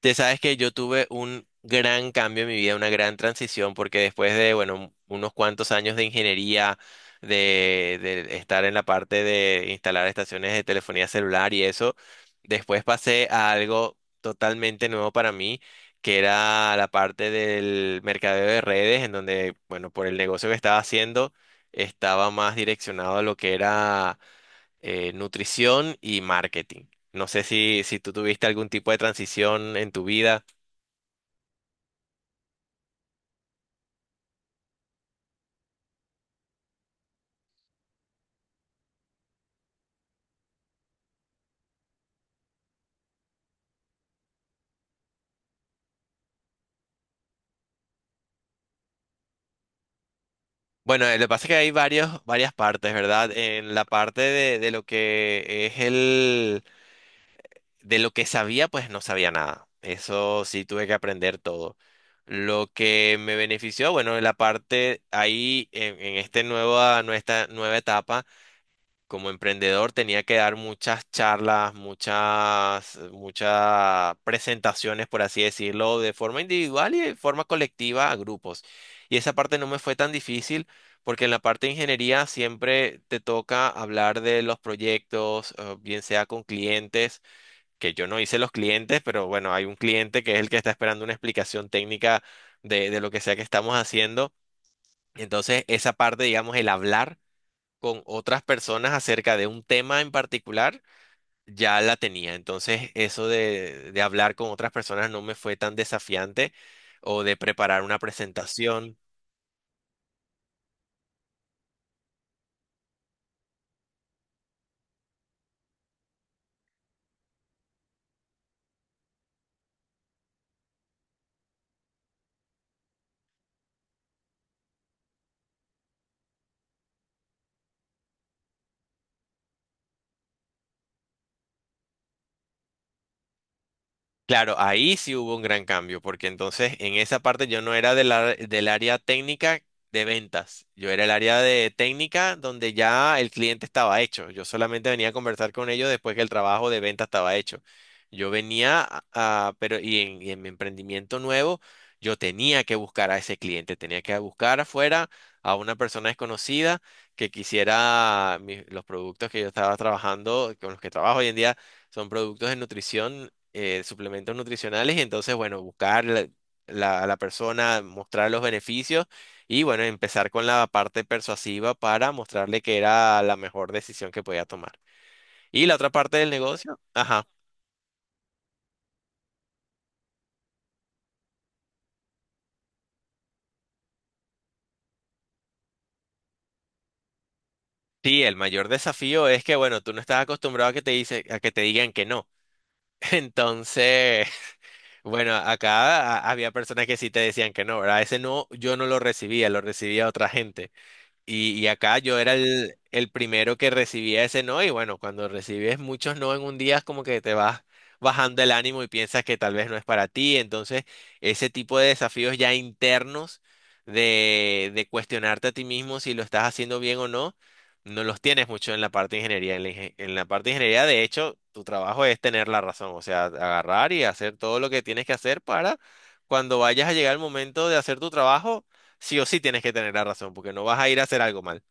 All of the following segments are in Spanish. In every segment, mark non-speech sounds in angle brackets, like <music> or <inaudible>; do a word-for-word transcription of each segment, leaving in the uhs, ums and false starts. Te sabes que yo tuve un gran cambio en mi vida, una gran transición, porque después de, bueno, unos cuantos años de ingeniería, de, de estar en la parte de instalar estaciones de telefonía celular y eso, después pasé a algo totalmente nuevo para mí, que era la parte del mercadeo de redes, en donde, bueno, por el negocio que estaba haciendo, estaba más direccionado a lo que era eh, nutrición y marketing. No sé si, si tú tuviste algún tipo de transición en tu vida. Bueno, eh, lo que pasa es que hay varios, varias partes, ¿verdad? En la parte de, de lo que es el, de lo que sabía, pues no sabía nada. Eso sí tuve que aprender todo. Lo que me benefició, bueno, en la parte ahí, en, en este nueva, nuestra nueva etapa. Como emprendedor tenía que dar muchas charlas, muchas, muchas presentaciones, por así decirlo, de forma individual y de forma colectiva a grupos. Y esa parte no me fue tan difícil porque en la parte de ingeniería siempre te toca hablar de los proyectos, eh, bien sea con clientes, que yo no hice los clientes, pero bueno, hay un cliente que es el que está esperando una explicación técnica de, de lo que sea que estamos haciendo. Entonces, esa parte, digamos, el hablar con otras personas acerca de un tema en particular, ya la tenía. Entonces, eso de, de hablar con otras personas no me fue tan desafiante o de preparar una presentación. Claro, ahí sí hubo un gran cambio, porque entonces en esa parte yo no era del ar- del área técnica de ventas, yo era el área de técnica donde ya el cliente estaba hecho, yo solamente venía a conversar con ellos después que el trabajo de venta estaba hecho. Yo venía a, a- pero y en, y en mi emprendimiento nuevo, yo tenía que buscar a ese cliente, tenía que buscar afuera a una persona desconocida que quisiera mi- los productos que yo estaba trabajando, con los que trabajo hoy en día son productos de nutrición, eh, suplementos nutricionales. Y entonces, bueno, buscar la- la- a la persona, mostrar los beneficios y, bueno, empezar con la parte persuasiva para mostrarle que era la mejor decisión que podía tomar. Y la otra parte del negocio, ajá. Sí, el mayor desafío es que, bueno, tú no estás acostumbrado a que te dice, a que te digan que no. <laughs> Entonces, <laughs> bueno, acá a- había personas que sí te decían que no, ¿verdad? Ese no, yo no lo recibía, lo recibía otra gente. Y, y acá yo era el, el primero que recibía ese no, y bueno, cuando recibes muchos no en un día es como que te vas bajando el ánimo y piensas que tal vez no es para ti. Entonces, ese tipo de desafíos ya internos de, de cuestionarte a ti mismo si lo estás haciendo bien o no, no los tienes mucho en la parte de ingeniería. En la, ingen- en la parte de ingeniería, de hecho, tu trabajo es tener la razón, o sea, agarrar y hacer todo lo que tienes que hacer para cuando vayas a llegar el momento de hacer tu trabajo. Sí o sí tienes que tener la razón, porque no vas a ir a hacer algo mal.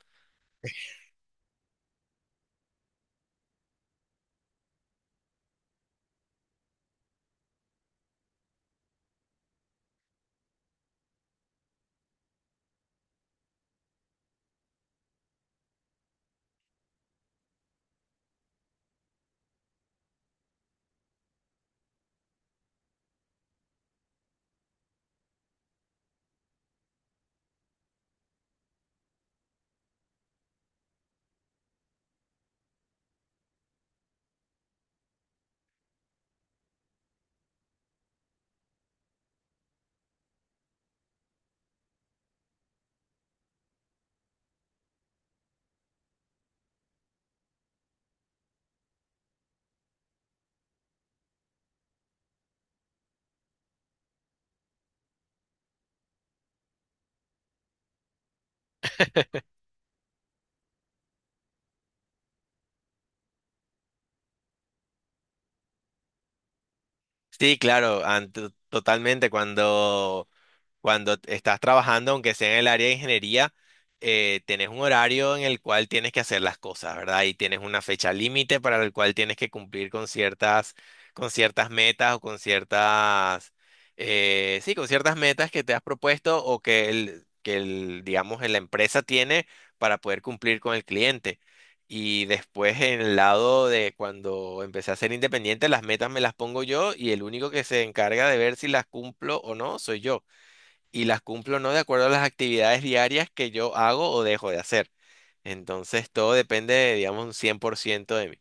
Sí, claro, ant- totalmente. Cuando Cuando estás trabajando, aunque sea en el área de ingeniería, eh, tenés un horario en el cual tienes que hacer las cosas, ¿verdad? Y tienes una fecha límite para el cual tienes que cumplir con ciertas, con ciertas metas o con ciertas, eh, sí, con ciertas metas que te has propuesto o que el, que el, digamos, la empresa tiene para poder cumplir con el cliente. Y después en el lado de cuando empecé a ser independiente, las metas me las pongo yo y el único que se encarga de ver si las cumplo o no soy yo, y las cumplo no de acuerdo a las actividades diarias que yo hago o dejo de hacer. Entonces todo depende, digamos, un cien por ciento de mí.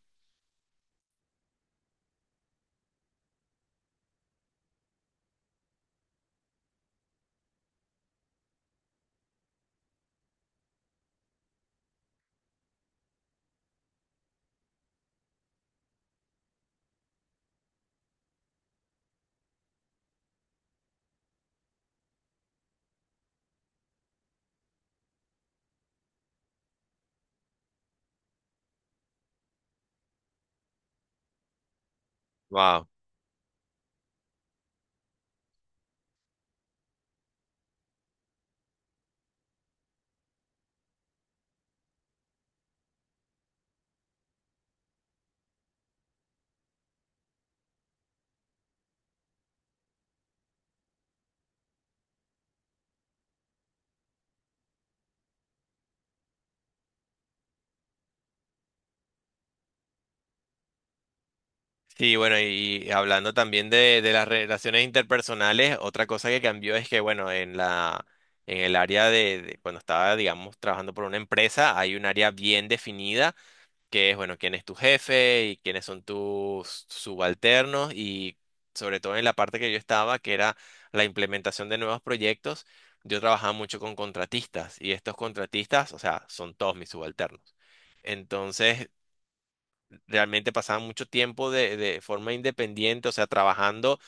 Wow. Sí, bueno, y hablando también de, de las relaciones interpersonales, otra cosa que cambió es que, bueno, en la, en el área de, de cuando estaba, digamos, trabajando por una empresa, hay un área bien definida que es, bueno, quién es tu jefe y quiénes son tus subalternos, y sobre todo en la parte que yo estaba, que era la implementación de nuevos proyectos, yo trabajaba mucho con contratistas, y estos contratistas, o sea, son todos mis subalternos. Entonces, realmente pasaba mucho tiempo de, de forma independiente, o sea, trabajando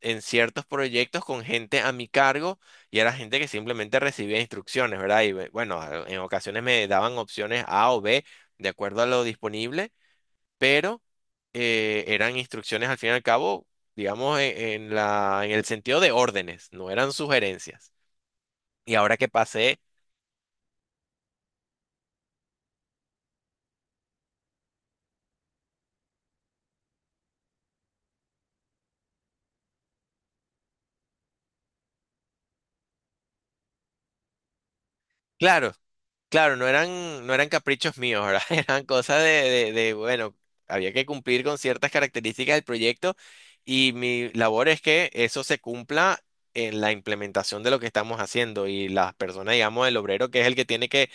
en ciertos proyectos con gente a mi cargo, y era gente que simplemente recibía instrucciones, ¿verdad? Y bueno, en ocasiones me daban opciones A o B de acuerdo a lo disponible, pero eh, eran instrucciones al fin y al cabo, digamos, en, en la, en el sentido de órdenes, no eran sugerencias. Y ahora que pasé, claro, Claro, no eran, no eran caprichos míos, ¿verdad? <laughs> Eran cosas de, de, de, bueno, había que cumplir con ciertas características del proyecto y mi labor es que eso se cumpla en la implementación de lo que estamos haciendo, y las personas, digamos, el obrero, que es el que tiene que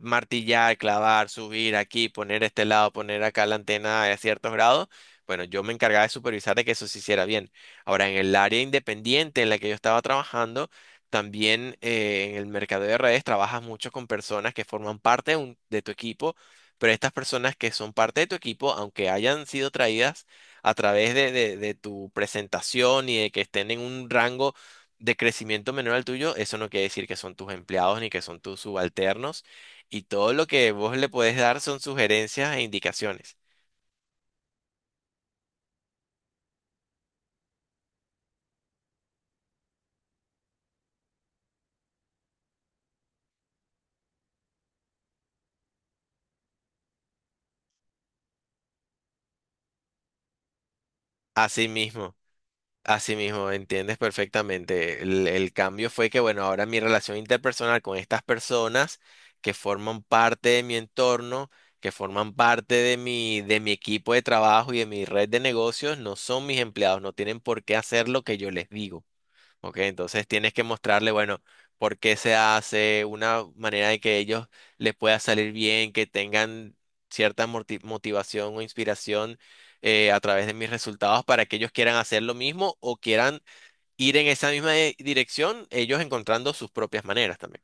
martillar, clavar, subir aquí, poner este lado, poner acá la antena a ciertos grados. Bueno, yo me encargaba de supervisar de que eso se hiciera bien. Ahora, en el área independiente en la que yo estaba trabajando, también, eh, en el mercado de redes trabajas mucho con personas que forman parte de, un- de tu equipo, pero estas personas que son parte de tu equipo, aunque hayan sido traídas a través de, de- de tu presentación y de que estén en un rango de crecimiento menor al tuyo, eso no quiere decir que son tus empleados ni que son tus subalternos. Y todo lo que vos le puedes dar son sugerencias e indicaciones. Asimismo. Así mismo, entiendes perfectamente. El, el cambio fue que, bueno, ahora mi relación interpersonal con estas personas que forman parte de mi entorno, que forman parte de mi, de mi equipo de trabajo y de mi red de negocios, no son mis empleados, no tienen por qué hacer lo que yo les digo. Ok, entonces tienes que mostrarle, bueno, por qué se hace, una manera de que ellos les pueda salir bien, que tengan cierta morti- motivación o inspiración, eh, a través de mis resultados, para que ellos quieran hacer lo mismo o quieran ir en esa misma eh, dirección, ellos encontrando sus propias maneras también.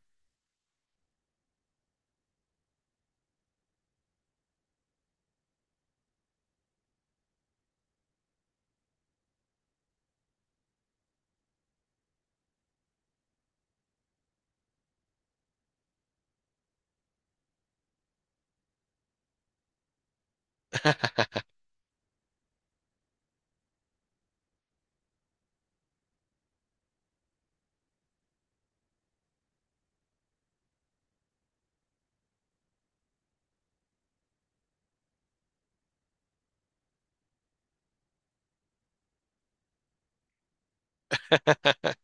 <laughs>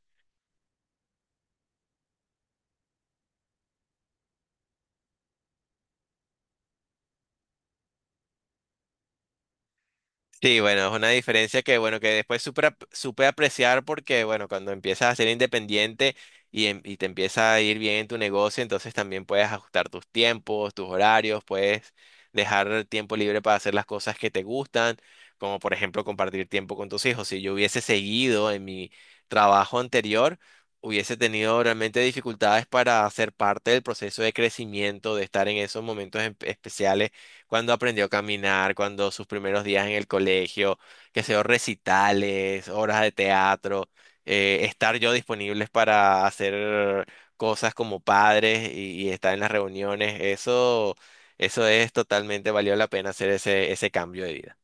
Sí, bueno, es una diferencia que, bueno, que después supe, ap- supe apreciar, porque, bueno, cuando empiezas a ser independiente y, em- y te empieza a ir bien en tu negocio, entonces también puedes ajustar tus tiempos, tus horarios, puedes dejar tiempo libre para hacer las cosas que te gustan, como por ejemplo compartir tiempo con tus hijos. Si yo hubiese seguido en mi trabajo anterior, hubiese tenido realmente dificultades para ser parte del proceso de crecimiento, de estar en esos momentos em- especiales, cuando aprendió a caminar, cuando sus primeros días en el colegio, que sea recitales, obras de teatro, eh, estar yo disponibles para hacer cosas como padres y, y estar en las reuniones, eso, eso es totalmente valió la pena hacer ese, ese cambio de vida.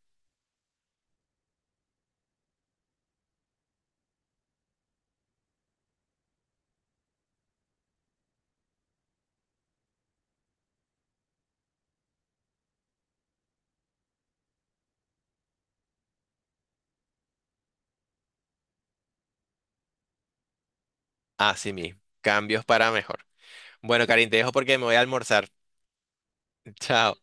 Así mismo, cambios para mejor. Bueno, Karin, te dejo porque me voy a almorzar. <laughs> Chao.